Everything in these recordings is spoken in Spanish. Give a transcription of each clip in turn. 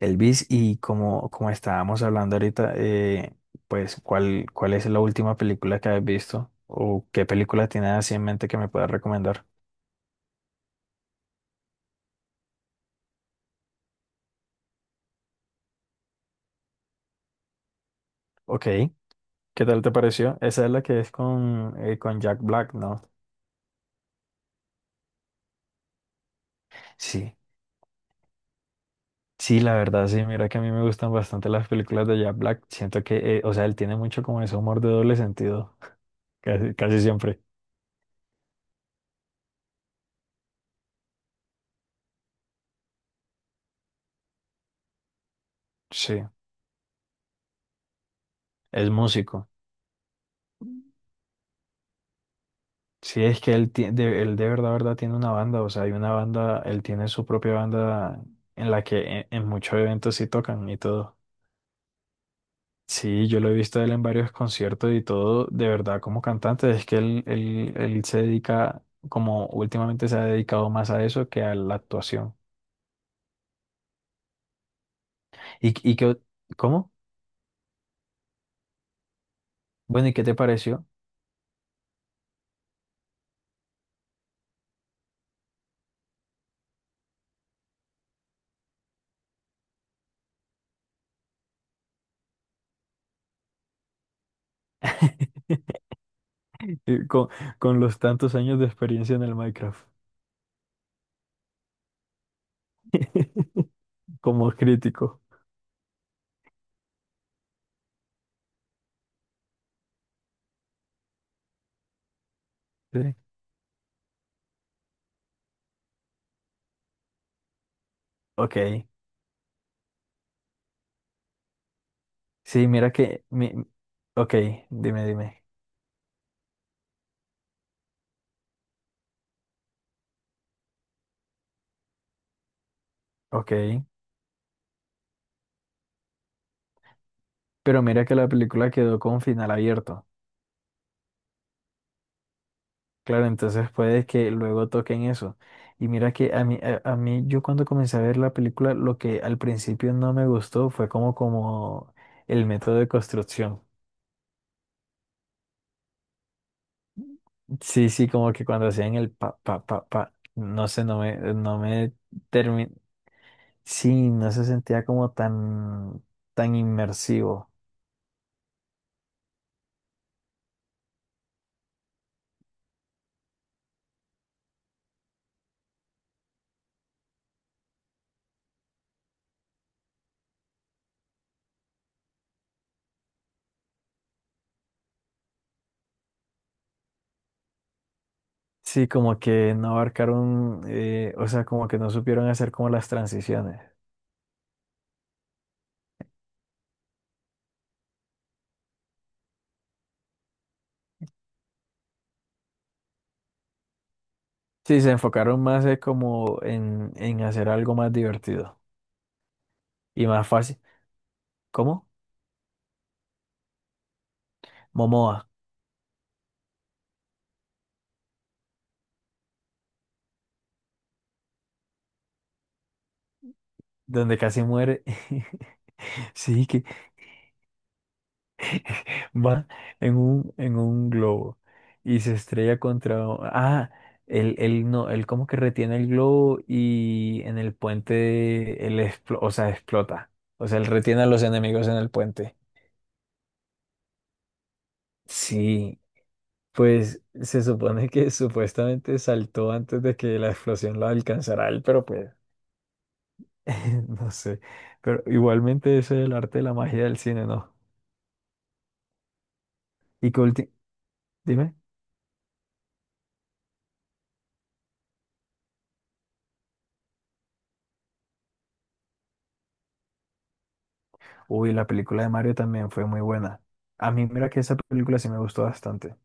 Elvis, y como estábamos hablando ahorita, pues, ¿cuál es la última película que has visto? ¿O qué película tienes así en mente que me puedas recomendar? Ok, ¿qué tal te pareció? Esa es la que es con Jack Black, ¿no? Sí, sí, la verdad, sí, mira que a mí me gustan bastante las películas de Jack Black. Siento que, o sea, él tiene mucho como ese humor de doble sentido, casi siempre. Sí, es músico. Sí, es que él de verdad tiene una banda, o sea, hay una banda, él tiene su propia banda en la que en muchos eventos sí tocan y todo. Sí, yo lo he visto a él en varios conciertos y todo, de verdad, como cantante, es que él se dedica, como últimamente se ha dedicado más a eso que a la actuación. ¿Y qué, cómo? Bueno, ¿y qué te pareció con, con los tantos años de experiencia en el Minecraft como crítico? Sí. Ok. Sí, mira que... Mi... Ok, dime. Ok. Pero mira que la película quedó con final abierto. Claro, entonces puede que luego toquen eso. Y mira que a mí, yo cuando comencé a ver la película, lo que al principio no me gustó fue como el método de construcción. Sí, sí, como que cuando hacían el pa, pa, pa, pa, no sé, termi- Sí, no se sentía como tan inmersivo. Sí, como que no abarcaron, o sea, como que no supieron hacer como las transiciones. Sí, se enfocaron más como en hacer algo más divertido y más fácil. ¿Cómo? Momoa, donde casi muere. Sí, que va en un globo y se estrella contra... o- Ah, él no, él como que retiene el globo y en el puente, él explo- o sea, explota. O sea, él retiene a los enemigos en el puente. Sí, pues se supone que supuestamente saltó antes de que la explosión lo alcanzara a él, pero pues no sé. Pero igualmente ese es el arte de la magia del cine, ¿no? Y que ulti- dime, uy, la película de Mario también fue muy buena. A mí mira que esa película sí me gustó bastante.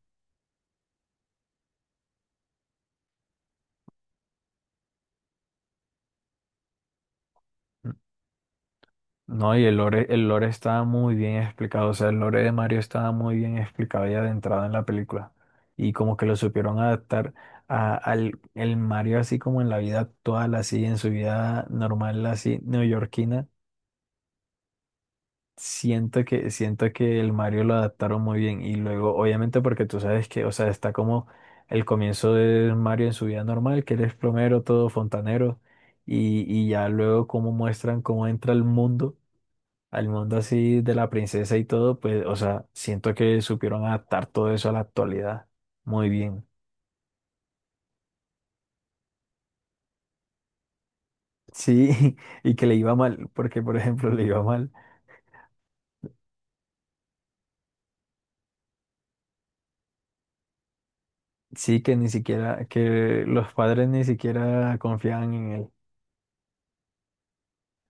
No, y el lore estaba muy bien explicado, o sea, el lore de Mario estaba muy bien explicado ya de entrada en la película. Y como que lo supieron adaptar a- al el Mario así como en la vida actual, así en su vida normal, así neoyorquina. Siento que el Mario lo adaptaron muy bien. Y luego, obviamente, porque tú sabes que, o sea, está como el comienzo de Mario en su vida normal, que él es plomero, todo fontanero. Y ya luego cómo muestran cómo entra el mundo al mundo así de la princesa y todo, pues, o sea, siento que supieron adaptar todo eso a la actualidad muy bien. Sí, y que le iba mal, porque por ejemplo le iba mal. Sí, que ni siquiera, que los padres ni siquiera confiaban en él.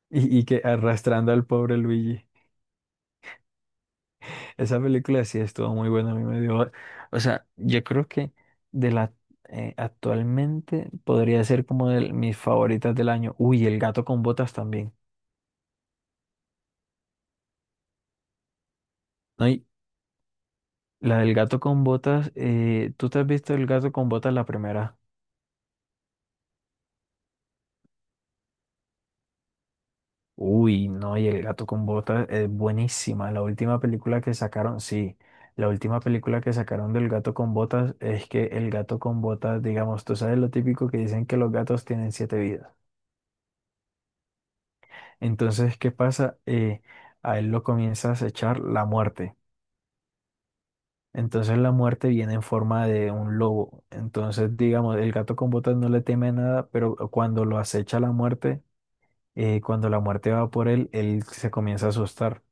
Y que arrastrando al pobre Luigi. Esa película sí estuvo muy buena, a mí me dio. O sea, yo creo que de la actualmente podría ser como de mis favoritas del año. Uy, el gato con botas también. ¿No? Y la del gato con botas, ¿tú te has visto el gato con botas la primera? Uy, no, y el gato con botas es buenísima. La última película que sacaron, sí, la última película que sacaron del gato con botas es que el gato con botas, digamos, tú sabes lo típico que dicen que los gatos tienen 7 vidas. Entonces, ¿qué pasa? A él lo comienza a acechar la muerte. Entonces la muerte viene en forma de un lobo. Entonces, digamos, el gato con botas no le teme nada, pero cuando lo acecha la muerte cuando la muerte va por él, él se comienza a asustar,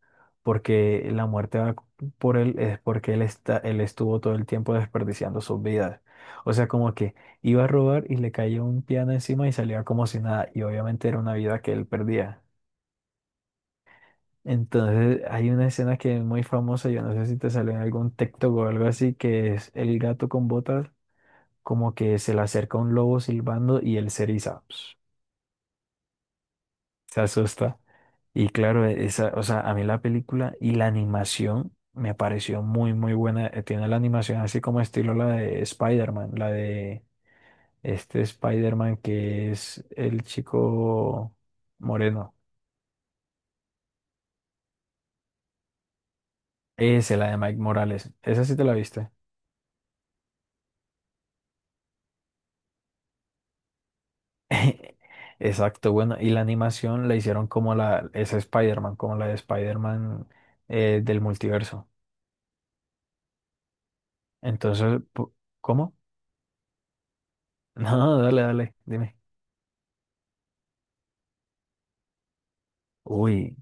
porque la muerte va por él es porque él estuvo todo el tiempo desperdiciando sus vidas. O sea, como que iba a robar y le caía un piano encima y salía como si nada, y obviamente era una vida que él perdía. Entonces hay una escena que es muy famosa, yo no sé si te salió en algún TikTok o algo así, que es el gato con botas, como que se le acerca un lobo silbando y él se eriza. Se asusta. Y claro, esa, o sea, a mí la película y la animación me pareció muy buena. Tiene la animación así como estilo la de Spider-Man, la de este Spider-Man que es el chico moreno. Ese, la de Mike Morales. Esa sí te la viste. Exacto, bueno, y la animación la hicieron como la, esa Spider-Man, como la de Spider-Man del multiverso. Entonces, pu- ¿cómo? No, dale, dime. Uy.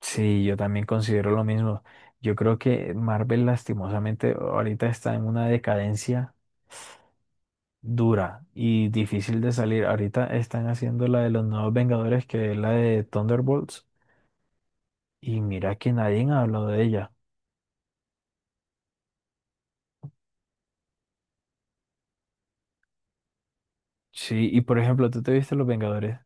Sí, yo también considero lo mismo. Yo creo que Marvel lastimosamente ahorita está en una decadencia dura y difícil de salir. Ahorita están haciendo la de los nuevos Vengadores, que es la de Thunderbolts, y mira que nadie ha hablado de ella. Sí, y por ejemplo, tú te viste Los Vengadores,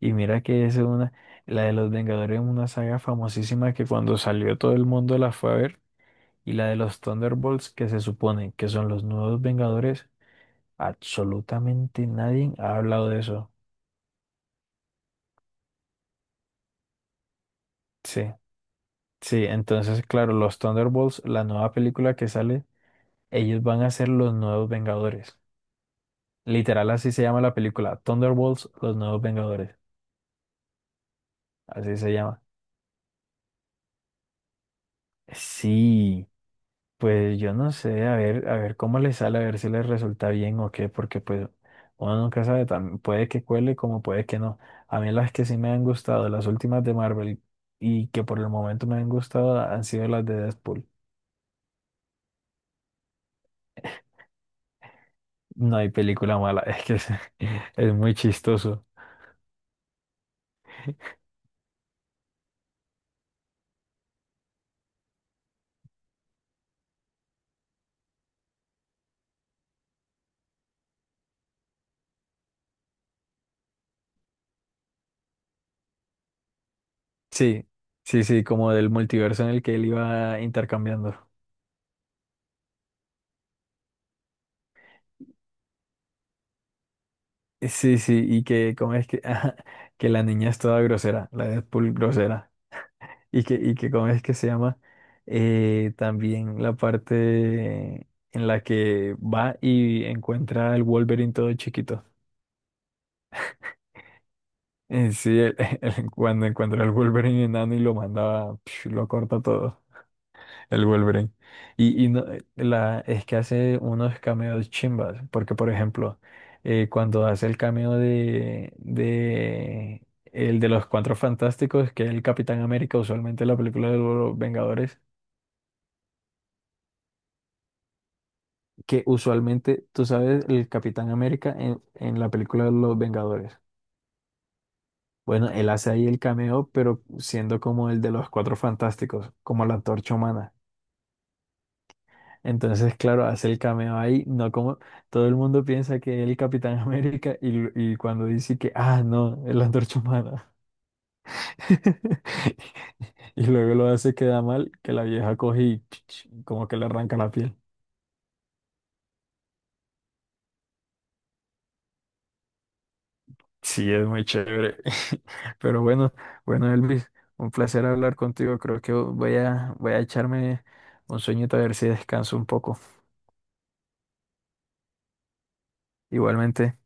y mira que es una, la de los Vengadores es una saga famosísima que cuando salió todo el mundo la fue a ver, y la de los Thunderbolts, que se supone que son los nuevos Vengadores. Absolutamente nadie ha hablado de eso. Sí, sí, entonces, claro, los Thunderbolts, la nueva película que sale, ellos van a ser los nuevos Vengadores. Literal, así se llama la película, Thunderbolts, los nuevos Vengadores. Así se llama. Sí, pues yo no sé, a ver cómo les sale, a ver si les resulta bien o qué, porque pues uno nunca sabe, también puede que cuele como puede que no. A mí las que sí me han gustado, las últimas de Marvel y que por el momento me han gustado, han sido las de Deadpool. No hay película mala, es que es, es muy chistoso. Sí, sí, como del multiverso en el que él iba intercambiando. Sí, y que cómo es que, ajá, que la niña es toda grosera, la Deadpool grosera. Y que cómo es que se llama también la parte en la que va y encuentra al Wolverine todo chiquito. En sí, el- el- cuando encuentra al Wolverine enano y lo manda, psh, lo corta todo. El Wolverine. La, es que hace unos cameos chimbas, porque por ejemplo, cuando hace el cameo de el de los Cuatro Fantásticos, que es el Capitán América, usualmente en la película de los Vengadores, que usualmente, tú sabes, el Capitán América en la película de los Vengadores. Bueno, él hace ahí el cameo, pero siendo como el de los Cuatro Fantásticos, como la Antorcha Humana. Entonces, claro, hace el cameo ahí, no como todo el mundo piensa que es el Capitán América y, l- y cuando dice que, ah, no, es la Antorcha Humana. Y luego lo hace queda mal, que la vieja coge y como que le arranca la piel. Sí, es muy chévere. Pero bueno, bueno, Elvis, un placer hablar contigo. Creo que voy a echarme un sueñito a ver si descanso un poco. Igualmente.